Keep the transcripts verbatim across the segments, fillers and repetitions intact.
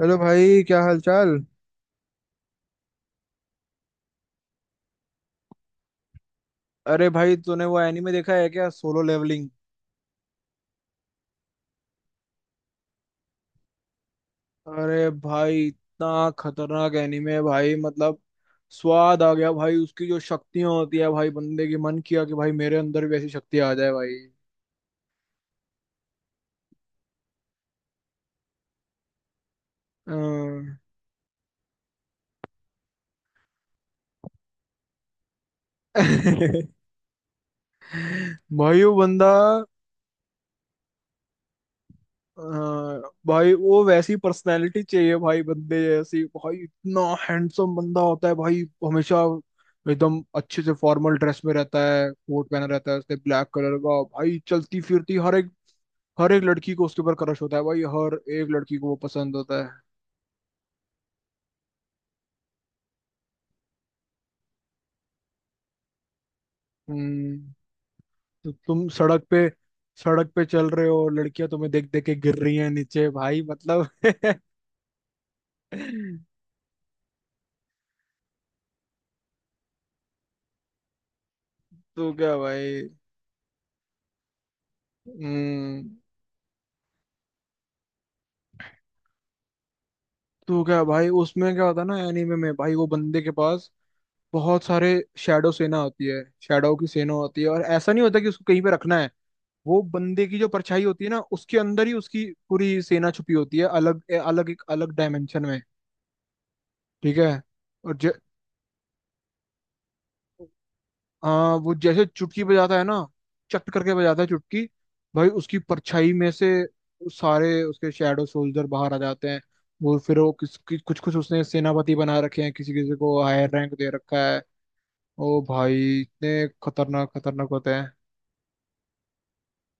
Hello भाई, क्या हाल चाल। अरे भाई, तूने वो एनीमे देखा है क्या? Solo Leveling. अरे भाई, इतना खतरनाक एनीमे है भाई, मतलब स्वाद आ गया भाई। उसकी जो शक्तियां होती है भाई बंदे की, मन किया कि भाई मेरे अंदर भी ऐसी शक्ति आ जाए भाई। अं। भाई वो बंदा। हाँ, भाई वो वैसी पर्सनालिटी चाहिए भाई, बंदे जैसी। भाई इतना हैंडसम बंदा होता है भाई, हमेशा एकदम अच्छे से फॉर्मल ड्रेस में रहता है, कोट पहना रहता है उसने, ब्लैक कलर का। भाई चलती फिरती हर एक, हर एक लड़की को उसके ऊपर क्रश होता है भाई। हर एक लड़की को वो पसंद होता है। हम्म। तो तुम सड़क पे सड़क पे चल रहे हो, लड़कियां तुम्हें देख देख के गिर रही हैं नीचे भाई, मतलब। तो क्या भाई। हम्म। तो क्या भाई, उसमें क्या होता है ना एनीमे में, भाई वो बंदे के पास बहुत सारे शैडो सेना होती है, शैडो की सेना होती है। और ऐसा नहीं होता कि उसको कहीं पे रखना है। वो बंदे की जो परछाई होती है ना, उसके अंदर ही उसकी पूरी सेना छुपी होती है, अलग अलग, एक अलग डायमेंशन में। ठीक है। और ज, हाँ, वो जैसे चुटकी बजाता है ना, चट करके बजाता है चुटकी भाई, उसकी परछाई में से सारे उसके शैडो सोल्जर बाहर आ जाते हैं। वो फिर वो किस कि, कुछ कुछ उसने सेनापति बना रखे हैं, किसी किसी को हायर रैंक दे रखा है। ओ भाई, इतने खतरनाक खतरनाक होते हैं।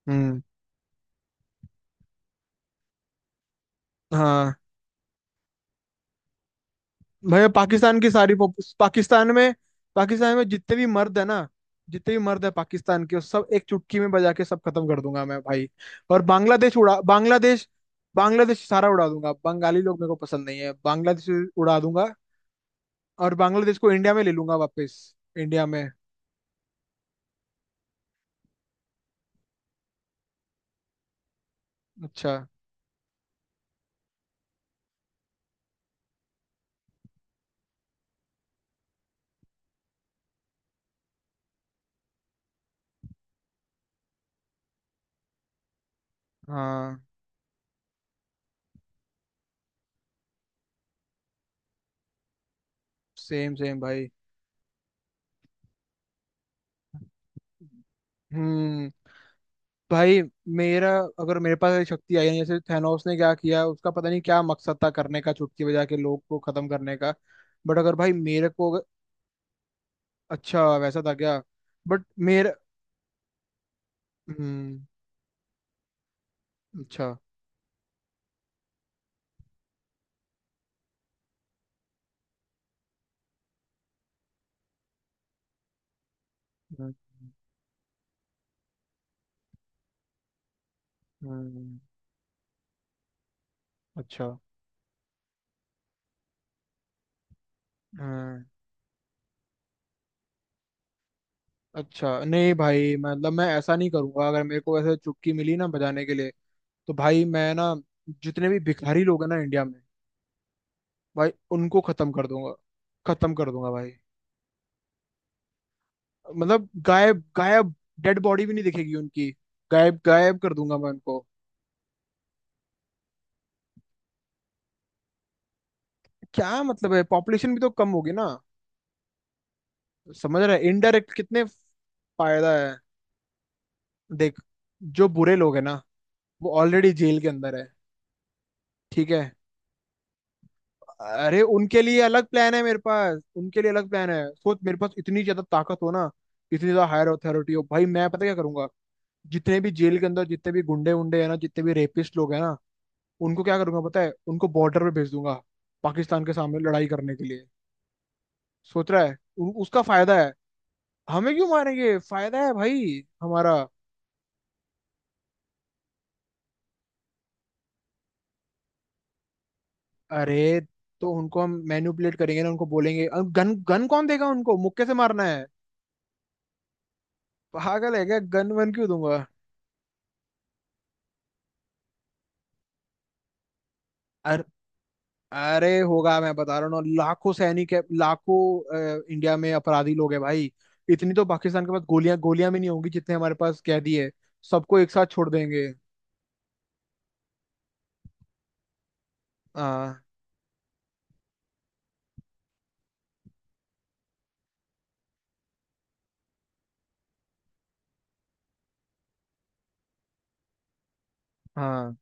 हम्म। हाँ भाई, पाकिस्तान की सारी पॉप- पाकिस्तान में, पाकिस्तान में जितने भी मर्द है ना, जितने भी मर्द है पाकिस्तान के, वो सब एक चुटकी में बजा के सब खत्म कर दूंगा मैं भाई। और बांग्लादेश उड़ा, बांग्लादेश, बांग्लादेश सारा उड़ा दूंगा। बंगाली लोग मेरे को पसंद नहीं है, बांग्लादेश उड़ा दूंगा। और बांग्लादेश को इंडिया में ले लूंगा वापस, इंडिया में। अच्छा। हाँ। सेम सेम भाई। हम्म। भाई मेरा, अगर मेरे पास ऐसी शक्ति आई है, जैसे थैनोस ने क्या किया उसका पता नहीं, क्या मकसद था करने का, चुटकी बजा के लोग को खत्म करने का। बट अगर भाई मेरे को अगर-। अच्छा, वैसा था क्या? बट मेरे, हम्म। अच्छा। हम्म। हम्म, अच्छा। हम्म। अच्छा नहीं भाई, मतलब मैं ऐसा नहीं करूंगा अगर मेरे को ऐसे चुटकी मिली ना बजाने के लिए। तो भाई मैं ना, जितने भी भिखारी लोग हैं ना इंडिया में, भाई उनको खत्म कर दूंगा। खत्म कर दूंगा भाई। मतलब गायब गायब, डेड बॉडी भी नहीं दिखेगी उनकी। गायब गायब कर दूंगा मैं उनको। क्या मतलब है, पॉपुलेशन भी तो कम होगी ना। समझ रहा है, इनडायरेक्ट कितने फायदा है। देख, जो बुरे लोग हैं ना, वो ऑलरेडी जेल के अंदर है। ठीक है। अरे उनके लिए अलग प्लान है मेरे पास, उनके लिए अलग प्लान है। सोच, मेरे पास इतनी ज्यादा ताकत हो ना, इतनी ज्यादा हायर अथॉरिटी हो, भाई मैं पता क्या करूंगा। जितने भी जेल के अंदर, जितने भी गुंडे उंडे हैं ना, जितने भी रेपिस्ट लोग हैं ना, उनको क्या करूंगा पता है? उनको बॉर्डर पे भेज दूंगा, पाकिस्तान के सामने लड़ाई करने के लिए। सोच रहा है, उ, उसका फायदा है। हमें क्यों मारेंगे, फायदा है भाई हमारा। अरे, तो उनको हम मैनिपुलेट करेंगे ना, उनको बोलेंगे। गन गन कौन देगा, उनको मुक्के से मारना है। पागल है क्या, गन वन क्यों दूंगा। अर, अरे होगा, मैं बता रहा हूँ ना, लाखों सैनिक है लाखों, अ, इंडिया में अपराधी लोग हैं भाई। इतनी तो पाकिस्तान के पास गोलियां गोलियां भी नहीं होंगी जितने हमारे पास कैदी है। सबको एक साथ छोड़ देंगे। हाँ। हाँ।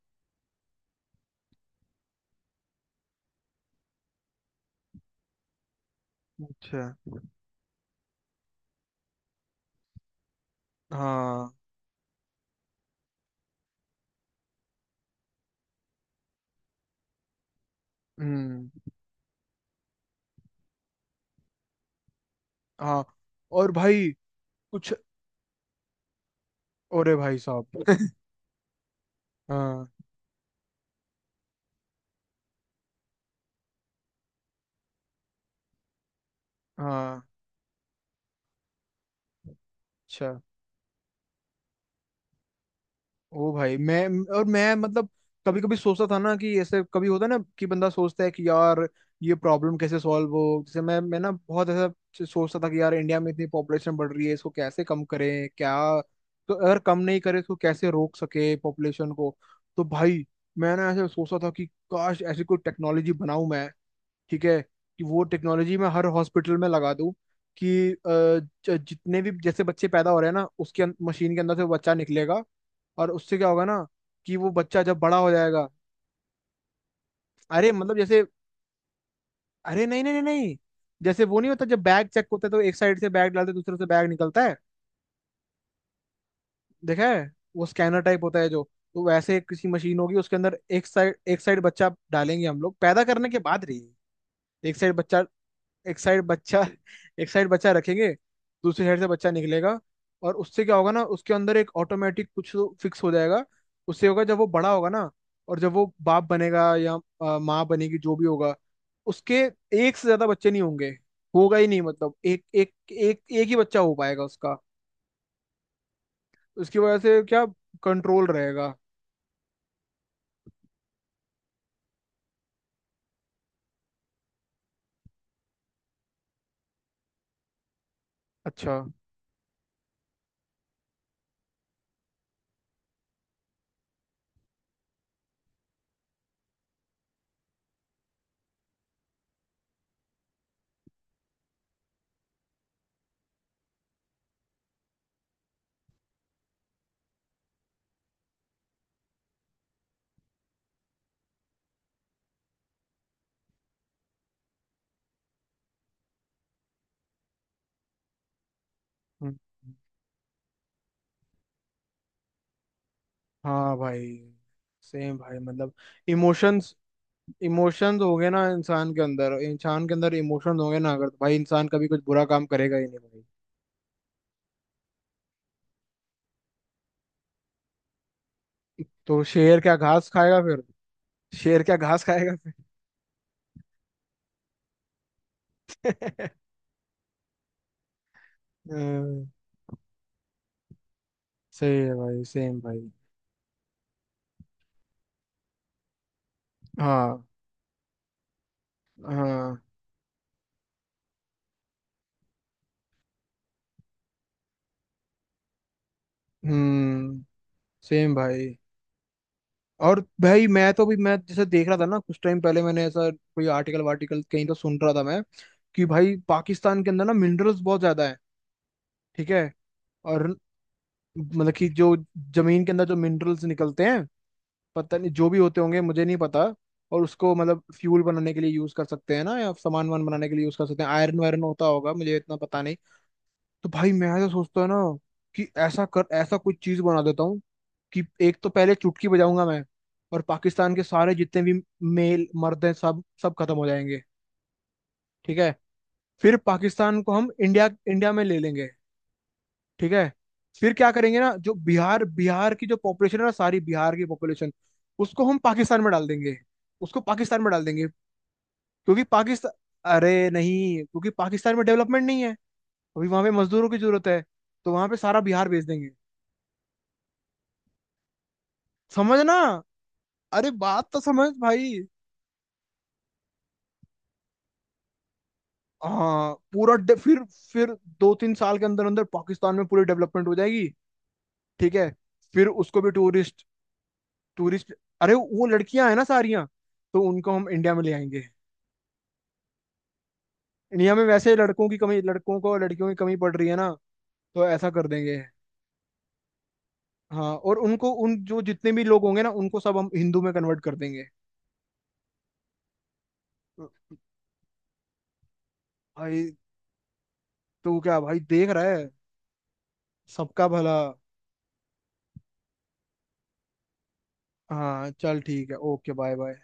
अच्छा। हाँ। हम्म। हाँ। और भाई कुछ, अरे भाई साहब। हाँ। हाँ। अच्छा। ओ भाई मैं, और मैं, मतलब कभी कभी सोचता था ना, कि ऐसे कभी होता है ना, कि बंदा सोचता है कि यार, ये प्रॉब्लम कैसे सॉल्व हो। जैसे मैं मैं ना बहुत ऐसा च- सोचता था कि यार, इंडिया में इतनी पॉपुलेशन बढ़ रही है, इसको कैसे कम करें क्या, तो अगर कम नहीं करें तो कैसे रोक सके पॉपुलेशन को। तो भाई मैंने ऐसे सोचता था कि काश ऐसी कोई टेक्नोलॉजी बनाऊं मैं। ठीक है, कि वो टेक्नोलॉजी मैं हर हॉस्पिटल में लगा दूं, कि अ, ज- जितने भी जैसे बच्चे पैदा हो रहे हैं ना, उसके अं- मशीन के अंदर से वो बच्चा निकलेगा। और उससे क्या होगा ना, कि वो बच्चा जब बड़ा हो जाएगा। अरे मतलब जैसे, अरे नहीं नहीं नहीं नहीं, जैसे वो नहीं होता जब बैग चेक होता है, तो एक साइड से बैग डालते हैं, दूसरे से बैग निकलता है, देखा है? वो स्कैनर टाइप होता है जो। तो वैसे किसी मशीन होगी, उसके अंदर एक साइड, एक साइड बच्चा डालेंगे हम लोग पैदा करने के बाद, रही एक साइड बच्चा, एक साइड बच्चा, एक साइड बच्चा रखेंगे, दूसरी साइड से बच्चा निकलेगा। और उससे क्या होगा ना, उसके अंदर एक ऑटोमेटिक कुछ फिक्स हो जाएगा। उससे होगा जब वो बड़ा होगा ना, और जब वो बाप बनेगा या अ, माँ बनेगी, जो भी होगा, उसके एक से ज्यादा बच्चे नहीं होंगे। होगा ही नहीं, मतलब एक एक, एक एक ही बच्चा हो पाएगा उसका। उसकी वजह से क्या, कंट्रोल रहेगा। अच्छा। हम्म, हाँ भाई, सेम भाई, मतलब इमोशंस, इमोशंस हो गए ना इंसान के अंदर, इंसान के अंदर इमोशंस हो गए ना अगर, तो भाई इंसान कभी कुछ बुरा काम करेगा ही नहीं भाई। तो शेर क्या घास खाएगा फिर? शेर क्या घास खाएगा फिर? हम्म, सही है भाई, सेम भाई। हाँ। हाँ। हम्म। सेम भाई। और भाई मैं तो, भी मैं जैसे देख रहा था ना, कुछ टाइम पहले मैंने ऐसा कोई आर्टिकल वार्टिकल कहीं तो सुन रहा था मैं, कि भाई पाकिस्तान के अंदर ना मिनरल्स बहुत ज्यादा है। ठीक है। और मतलब कि जो जमीन के अंदर जो मिनरल्स निकलते हैं, पता नहीं जो भी होते होंगे, मुझे नहीं पता। और उसको मतलब फ्यूल बनाने के लिए यूज कर सकते हैं ना, या सामान वान बनाने के लिए यूज कर सकते हैं, आयरन वायरन होता होगा, मुझे इतना पता नहीं। तो भाई मैं ऐसा सोचता है ना, कि ऐसा कर, ऐसा कुछ चीज बना देता हूँ, कि एक तो पहले चुटकी बजाऊंगा मैं, और पाकिस्तान के सारे जितने भी मेल मर्द हैं, सब सब खत्म हो जाएंगे। ठीक है। फिर पाकिस्तान को हम इंडिया इंडिया में ले लेंगे। ठीक है। फिर क्या करेंगे ना, जो बिहार बिहार की जो पॉपुलेशन है ना, सारी बिहार की पॉपुलेशन, उसको हम पाकिस्तान में डाल देंगे, उसको पाकिस्तान में डाल देंगे। क्योंकि पाकिस्तान, अरे नहीं, क्योंकि पाकिस्तान में डेवलपमेंट नहीं है, अभी वहां पे मजदूरों की जरूरत है, तो वहां पे सारा बिहार भेज देंगे। समझना। अरे बात तो समझ भाई। हाँ, पूरा डे- फिर फिर दो तीन साल के अंदर अंदर पाकिस्तान में पूरी डेवलपमेंट हो जाएगी। ठीक है। फिर उसको भी टूरिस्ट, टूरिस्ट, अरे वो लड़कियां हैं ना सारियां, तो उनको हम इंडिया में ले आएंगे। इंडिया में वैसे लड़कों की कमी, लड़कों को लड़कियों की कमी पड़ रही है ना, तो ऐसा कर देंगे। हाँ, और उनको उन जो जितने भी लोग होंगे ना, उनको सब हम हिंदू में कन्वर्ट कर देंगे। भाई तू क्या भाई देख रहा है? सबका भला। हाँ चल ठीक है, ओके, बाय बाय।